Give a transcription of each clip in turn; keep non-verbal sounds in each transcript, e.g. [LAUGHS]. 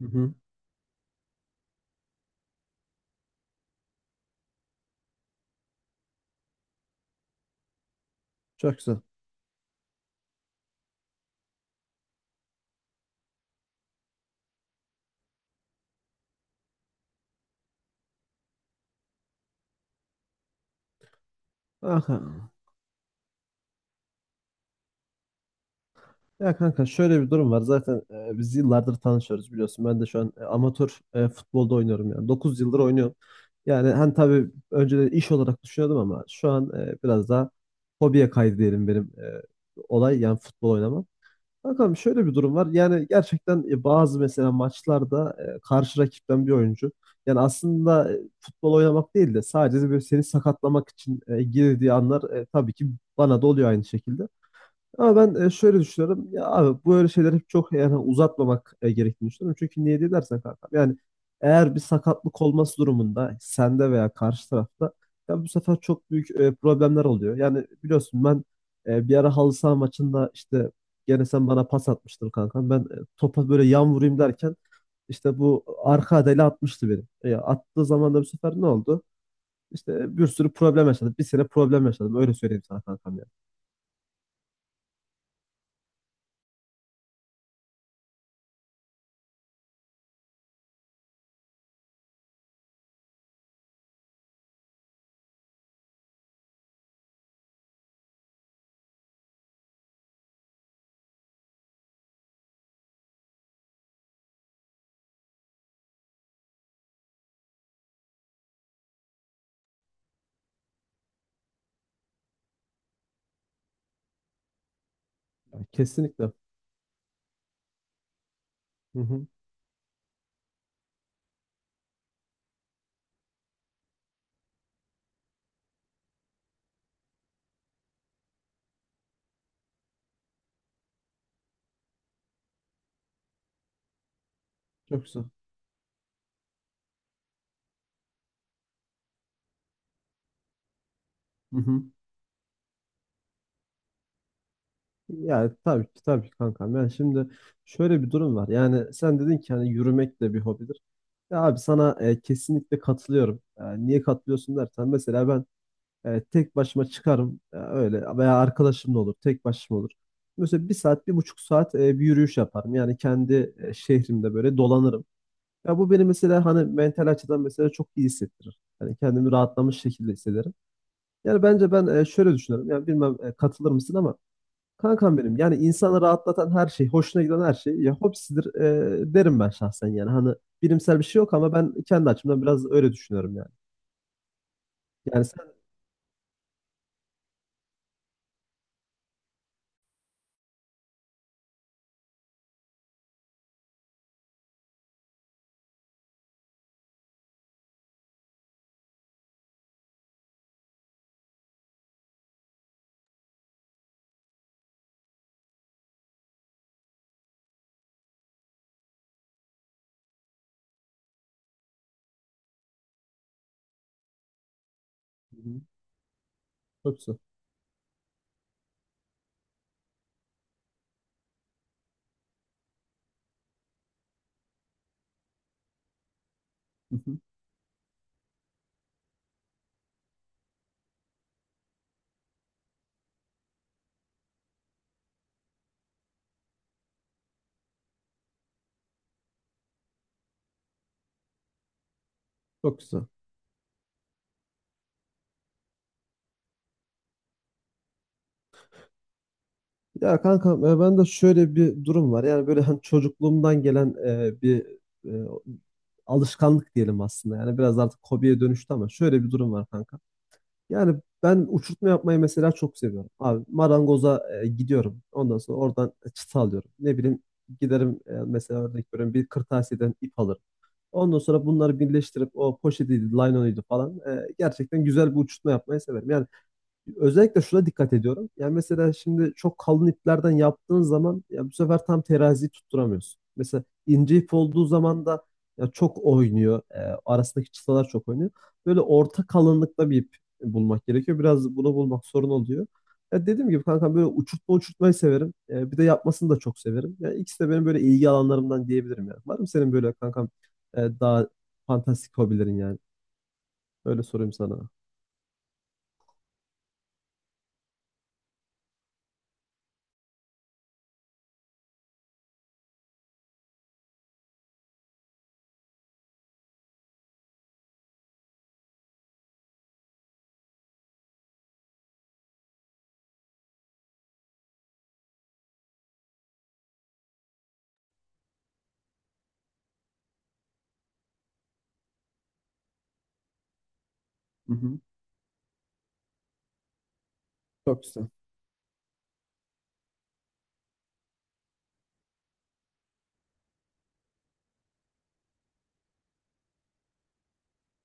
Hı hı. Çok güzel. Aha. Ya kanka şöyle bir durum var. Zaten biz yıllardır tanışıyoruz biliyorsun. Ben de şu an amatör futbolda oynuyorum yani. 9 yıldır oynuyorum. Yani hani tabii önceden iş olarak düşünüyordum ama şu an biraz daha hobiye kaydı diyelim benim olay yani futbol oynamam. Bakalım şöyle bir durum var. Yani gerçekten bazı mesela maçlarda karşı rakipten bir oyuncu yani aslında futbol oynamak değil de sadece böyle seni sakatlamak için girdiği anlar tabii ki bana da oluyor aynı şekilde. Ama ben şöyle düşünüyorum. Ya abi böyle şeyleri hep çok yani uzatmamak gerektiğini düşünüyorum. Çünkü niye diye dersen kanka. Yani eğer bir sakatlık olması durumunda sende veya karşı tarafta ya bu sefer çok büyük problemler oluyor. Yani biliyorsun ben bir ara halı saha maçında işte gene sen bana pas atmıştın kanka. Ben topa böyle yan vurayım derken işte bu arka adayla atmıştı beni. Attığı zaman da bu sefer ne oldu? İşte bir sürü problem yaşadım. Bir sene problem yaşadım. Öyle söyleyeyim sana kankam ya. Yani kesinlikle. Hı hı. Çok güzel. Hı hı. Yani tabii ki, tabii ki kankam. Yani şimdi şöyle bir durum var. Yani sen dedin ki hani yürümek de bir hobidir. Ya abi sana kesinlikle katılıyorum. Niye katılıyorsun dersen mesela ben tek başıma çıkarım, öyle veya arkadaşımla olur, tek başıma olur. Mesela bir saat, 1,5 saat bir yürüyüş yaparım. Yani kendi şehrimde böyle dolanırım. Ya bu beni mesela hani mental açıdan mesela çok iyi hissettirir. Yani kendimi rahatlamış şekilde hissederim. Yani bence ben şöyle düşünüyorum. Yani bilmem katılır mısın ama kankam benim, yani insanı rahatlatan her şey, hoşuna giden her şey ya hobisidir, derim ben şahsen yani. Hani bilimsel bir şey yok ama ben kendi açımdan biraz öyle düşünüyorum yani. Yani sen... Hı hı. Çok güzel. Hı hı. Çok güzel. Ya kankam, ben de şöyle bir durum var. Yani böyle hani çocukluğumdan gelen bir e, alışkanlık diyelim aslında. Yani biraz artık hobiye dönüştü ama şöyle bir durum var kanka. Yani ben uçurtma yapmayı mesela çok seviyorum. Abi marangoza gidiyorum. Ondan sonra oradan çıta alıyorum. Ne bileyim, giderim mesela örnek veriyorum, bir kırtasiyeden ip alırım. Ondan sonra bunları birleştirip o poşetiydi, laylonuydu falan, gerçekten güzel bir uçurtma yapmayı severim. Yani özellikle şuna dikkat ediyorum. Yani mesela şimdi çok kalın iplerden yaptığın zaman ya bu sefer tam teraziyi tutturamıyorsun. Mesela ince ip olduğu zaman da ya çok oynuyor, arasındaki çıtalar çok oynuyor. Böyle orta kalınlıkta bir ip bulmak gerekiyor. Biraz bunu bulmak sorun oluyor. Ya dediğim gibi kankam, böyle uçurtma uçurtmayı severim. E, bir de yapmasını da çok severim. Yani ikisi de benim böyle ilgi alanlarımdan diyebilirim yani. Var mı senin böyle kankam daha fantastik hobilerin yani? Öyle sorayım sana. Hı hı. Çok güzel.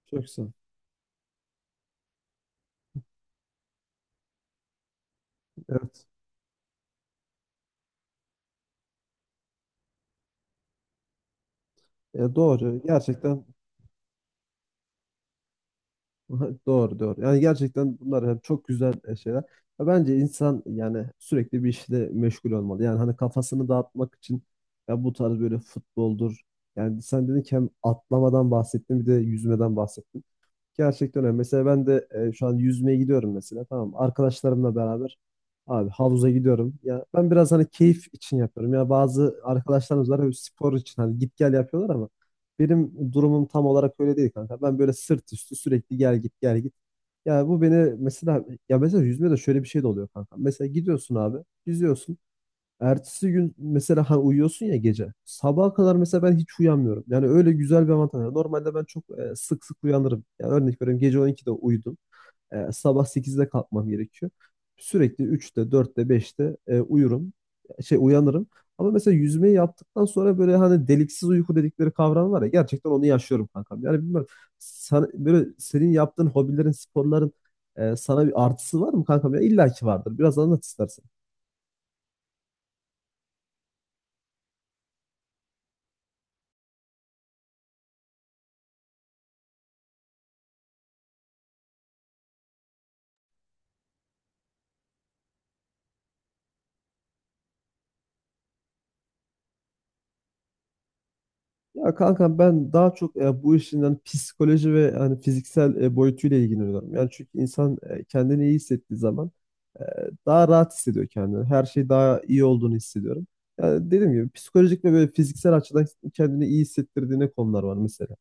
Çok güzel. Evet. Ya doğru. Gerçekten [LAUGHS] doğru, doğru. Yani gerçekten bunlar hep çok güzel şeyler. Ya bence insan yani sürekli bir işle meşgul olmalı. Yani hani kafasını dağıtmak için ya bu tarz böyle futboldur. Yani sen dedin ki hem atlamadan bahsettin, bir de yüzmeden bahsettin. Gerçekten öyle. Mesela ben de şu an yüzmeye gidiyorum mesela. Tamam. Arkadaşlarımla beraber abi havuza gidiyorum. Ya ben biraz hani keyif için yapıyorum. Ya bazı arkadaşlarımız var, hep spor için hani git gel yapıyorlar ama benim durumum tam olarak öyle değil kanka. Ben böyle sırt üstü sürekli gel git, gel git. Ya bu beni mesela, ya mesela yüzmede şöyle bir şey de oluyor kanka. Mesela gidiyorsun abi, yüzüyorsun. Ertesi gün mesela hani uyuyorsun ya gece. Sabaha kadar mesela ben hiç uyanmıyorum. Yani öyle güzel bir avantaj var. Normalde ben çok sık sık uyanırım. Yani örnek veriyorum, gece 12'de uyudum. Sabah 8'de kalkmam gerekiyor. Sürekli 3'te, 4'te, 5'te uyurum. Şey, uyanırım. Ama mesela yüzmeyi yaptıktan sonra böyle hani deliksiz uyku dedikleri kavram var ya, gerçekten onu yaşıyorum kankam. Yani bilmiyorum sana, böyle senin yaptığın hobilerin, sporların sana bir artısı var mı kankam? Ya illa ki vardır. Biraz anlat istersen. Ya kanka ben daha çok bu işinden psikoloji ve hani fiziksel boyutuyla ilgileniyorum. Yani çünkü insan kendini iyi hissettiği zaman e, daha rahat hissediyor kendini. Her şey daha iyi olduğunu hissediyorum. Yani dediğim gibi psikolojik ve böyle fiziksel açıdan kendini iyi hissettirdiğine konular var mesela.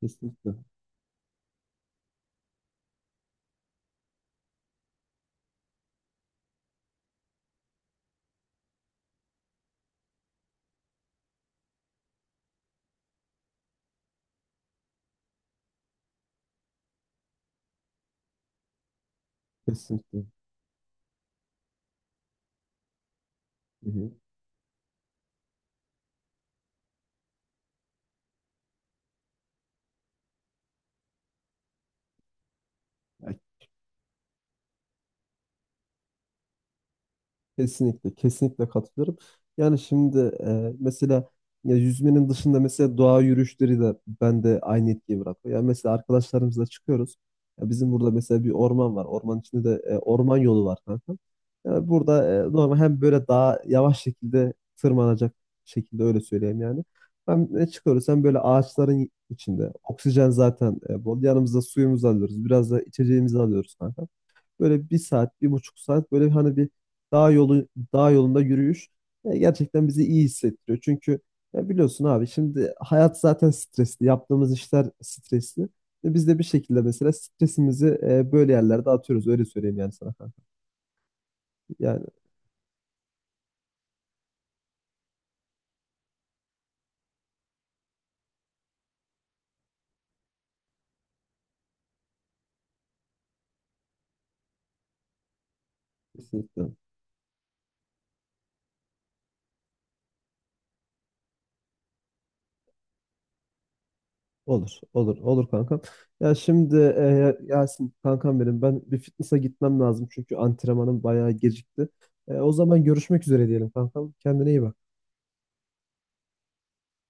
Kesinlikle. Kesinlikle. Hı hı. Ya kesinlikle, kesinlikle katılıyorum. Yani şimdi mesela, ya yüzmenin dışında mesela doğa yürüyüşleri de bende aynı etkiyi bırakıyor. Yani mesela arkadaşlarımızla çıkıyoruz. Ya bizim burada mesela bir orman var. Orman içinde de orman yolu var kanka. Yani burada normal hem böyle daha yavaş şekilde tırmanacak şekilde öyle söyleyeyim yani. Hem çıkıyoruz hem böyle ağaçların içinde. Oksijen zaten bol. Yanımızda suyumuzu alıyoruz. Biraz da içeceğimizi alıyoruz kanka. Böyle bir saat, 1,5 saat, böyle hani bir dağ yolu, dağ yolunda yürüyüş gerçekten bizi iyi hissettiriyor. Çünkü ya biliyorsun abi, şimdi hayat zaten stresli. Yaptığımız işler stresli. Ve biz de bir şekilde mesela stresimizi böyle yerlerde atıyoruz. Öyle söyleyeyim yani sana kanka. Yani kesinlikle. Olur, olur, olur kankam. Ya şimdi Yasin kankam benim, ben bir fitness'a gitmem lazım çünkü antrenmanım bayağı gecikti. O zaman görüşmek üzere diyelim kankam. Kendine iyi bak.